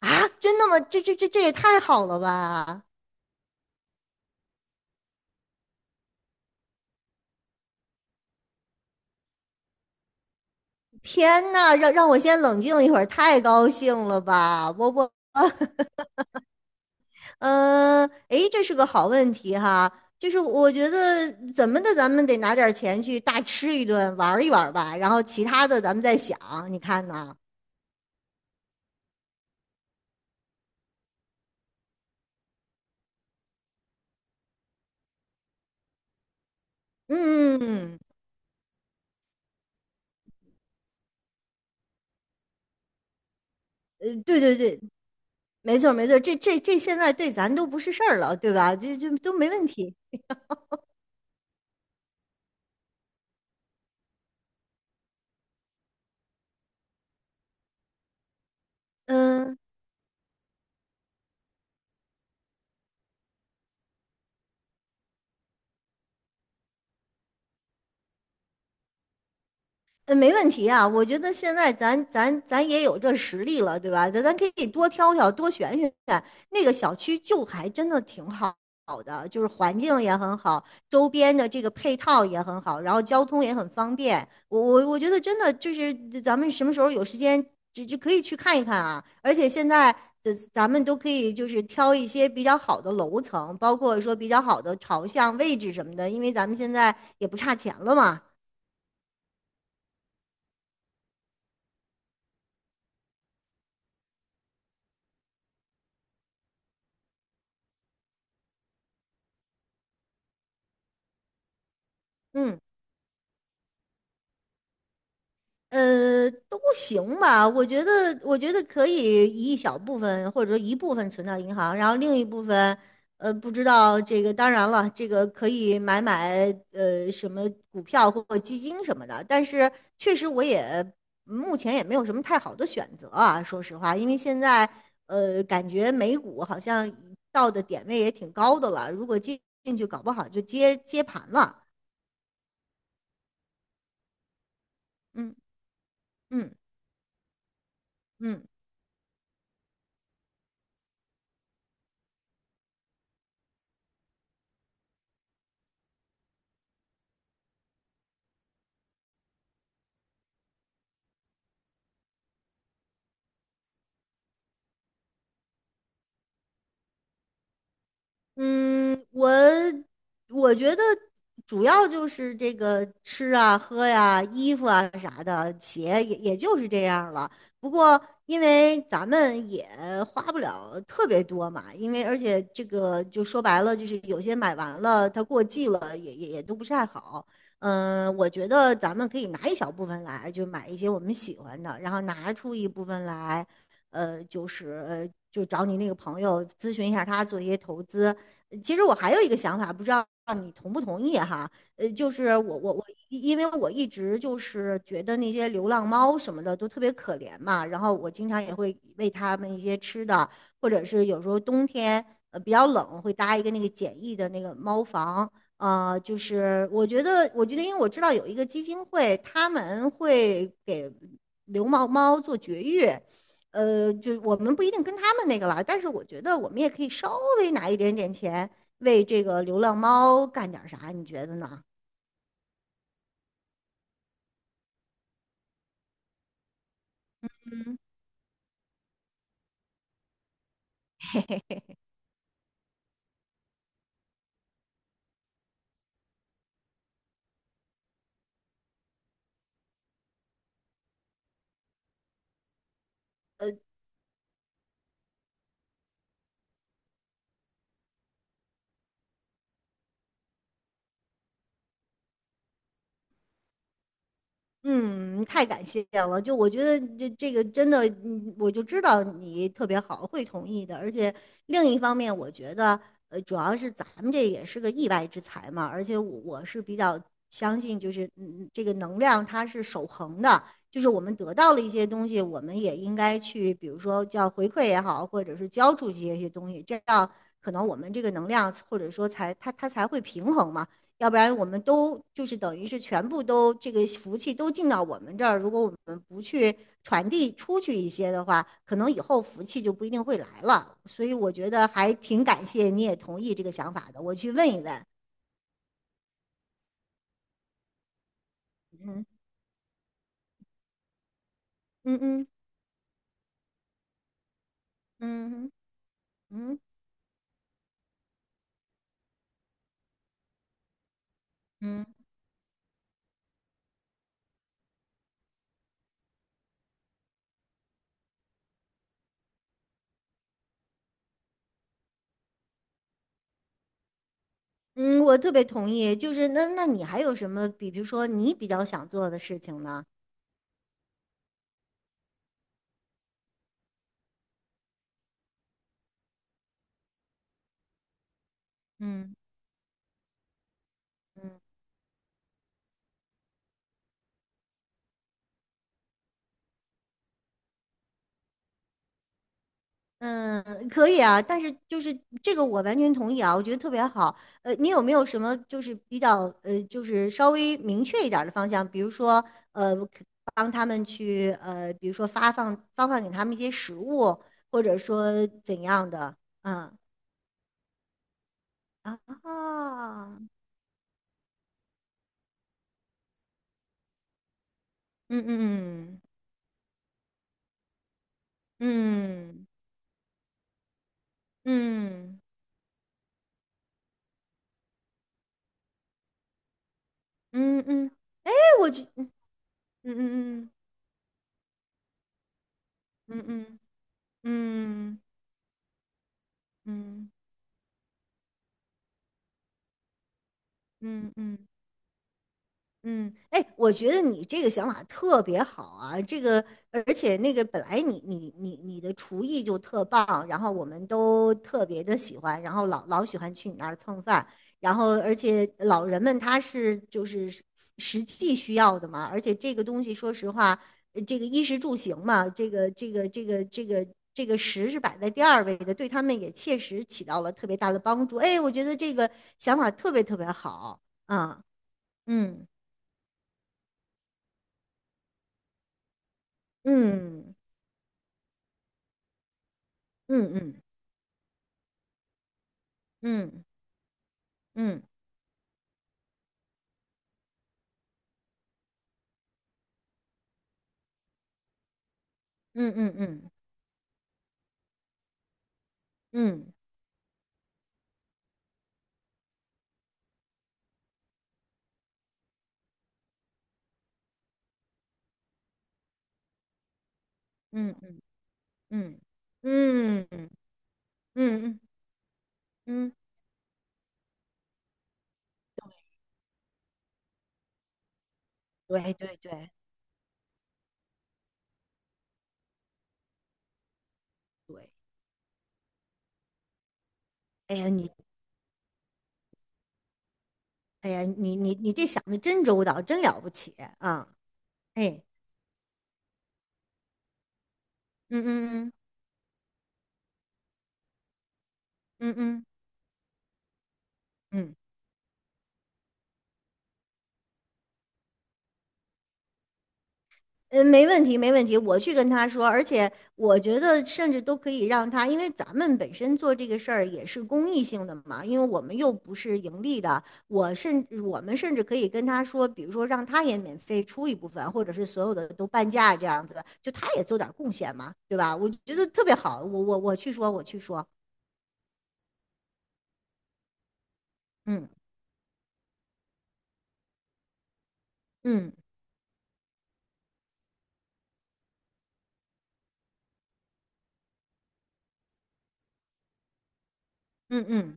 啊，真的吗？这也太好了吧！天呐，让我先冷静一会儿，太高兴了吧！我我嗯，哎，这是个好问题哈。就是我觉得怎么的，咱们得拿点钱去大吃一顿，玩一玩吧，然后其他的咱们再想。你看呢？嗯，嗯。对对对，没错没错，这这这现在对咱都不是事儿了，对吧？这都没问题。嗯。嗯，没问题啊，我觉得现在咱也有这实力了，对吧？咱可以多挑挑，多选选。那个小区就还真的挺好好的，就是环境也很好，周边的这个配套也很好，然后交通也很方便。我觉得真的就是咱们什么时候有时间，就可以去看一看啊。而且现在咱们都可以就是挑一些比较好的楼层，包括说比较好的朝向、位置什么的，因为咱们现在也不差钱了嘛。嗯。都行吧。我觉得，我觉得可以一小部分或者说一部分存到银行，然后另一部分，不知道这个。当然了，这个可以买什么股票或基金什么的。但是确实，我也目前也没有什么太好的选择啊。说实话，因为现在感觉美股好像到的点位也挺高的了，如果进去，搞不好就接盘了。嗯嗯嗯。嗯，我觉得主要就是这个吃啊、喝呀、衣服啊啥的，鞋也就是这样了。不过因为咱们也花不了特别多嘛，因为而且这个就说白了，就是有些买完了它过季了，也都不是太好。嗯，我觉得咱们可以拿一小部分来，就买一些我们喜欢的，然后拿出一部分来，就找你那个朋友咨询一下他做一些投资。其实我还有一个想法，不知道你同不同意哈？呃，就是我我我，因为我一直就是觉得那些流浪猫什么的都特别可怜嘛，然后我经常也会喂它们一些吃的，或者是有时候冬天比较冷，会搭一个那个简易的那个猫房。我觉得，因为我知道有一个基金会，他们会给流浪猫做绝育，就我们不一定跟他们那个了，但是我觉得我们也可以稍微拿一点点钱为这个流浪猫干点啥，你觉得呢？嗯，太感谢了！就我觉得这个真的，嗯我就知道你特别好，会同意的。而且另一方面，我觉得，主要是咱们这也是个意外之财嘛。而且我是比较相信，就是嗯，这个能量它是守恒的，就是我们得到了一些东西，我们也应该去，比如说叫回馈也好，或者是交出去一些东西，这样可能我们这个能量或者说才它才会平衡嘛。要不然我们都就是等于是全部都这个福气都进到我们这儿，如果我们不去传递出去一些的话，可能以后福气就不一定会来了。所以我觉得还挺感谢你也同意这个想法的，我去问一问。嗯。嗯，嗯嗯嗯嗯嗯，我特别同意。就是那你还有什么比如说你比较想做的事情呢？嗯嗯。嗯，可以啊，但是就是这个我完全同意啊，我觉得特别好。你有没有什么就是比较就是稍微明确一点儿的方向？比如说可帮他们去比如说发放给他们一些食物，或者说怎样的？嗯。啊，嗯，嗯嗯嗯嗯嗯嗯，哎，我觉嗯嗯嗯嗯嗯嗯嗯嗯嗯嗯。嗯嗯嗯。嗯，哎，我觉得你这个想法特别好啊，这个而且那个本来你的厨艺就特棒，然后我们都特别的喜欢，然后老喜欢去你那儿蹭饭，然后而且老人们他是就是实际需要的嘛，而且这个东西说实话，这个衣食住行嘛，这个食是摆在第二位的，对他们也切实起到了特别大的帮助。哎，我觉得这个想法特别特别好啊。嗯。嗯，嗯嗯嗯嗯嗯嗯嗯嗯嗯嗯嗯嗯嗯，嗯对对对对，哎呀你哎呀你这想的真周到，真了不起啊！哎，嗯嗯嗯嗯嗯嗯。嗯，没问题，没问题，我去跟他说，而且我觉得甚至都可以让他，因为咱们本身做这个事儿也是公益性的嘛，因为我们又不是盈利的，我们甚至可以跟他说，比如说让他也免费出一部分，或者是所有的都半价这样子，就他也做点贡献嘛，对吧？我觉得特别好，我去说，我去说，嗯。嗯嗯嗯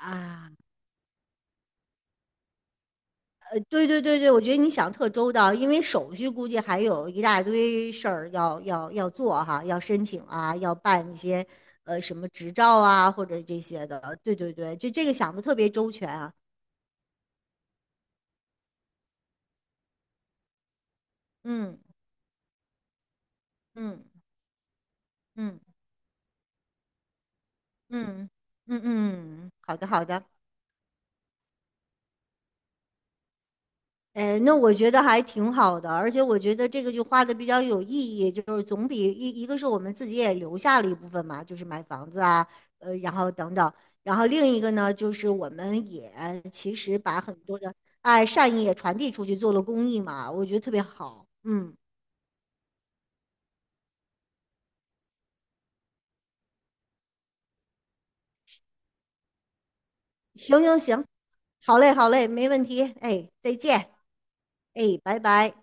啊。对对对对，我觉得你想特周到，因为手续估计还有一大堆事儿要做哈，要申请啊，要办一些什么执照啊或者这些的。对对对，就这个想的特别周全啊。嗯嗯嗯嗯嗯嗯。嗯，好的好的。哎，那我觉得还挺好的，而且我觉得这个就花的比较有意义，就是总比一个是我们自己也留下了一部分嘛，就是买房子啊，然后等等，然后另一个呢，就是我们也其实把很多的爱善意也传递出去，做了公益嘛，我觉得特别好。嗯，行行行，好嘞好嘞，没问题。哎，再见，哎，拜拜。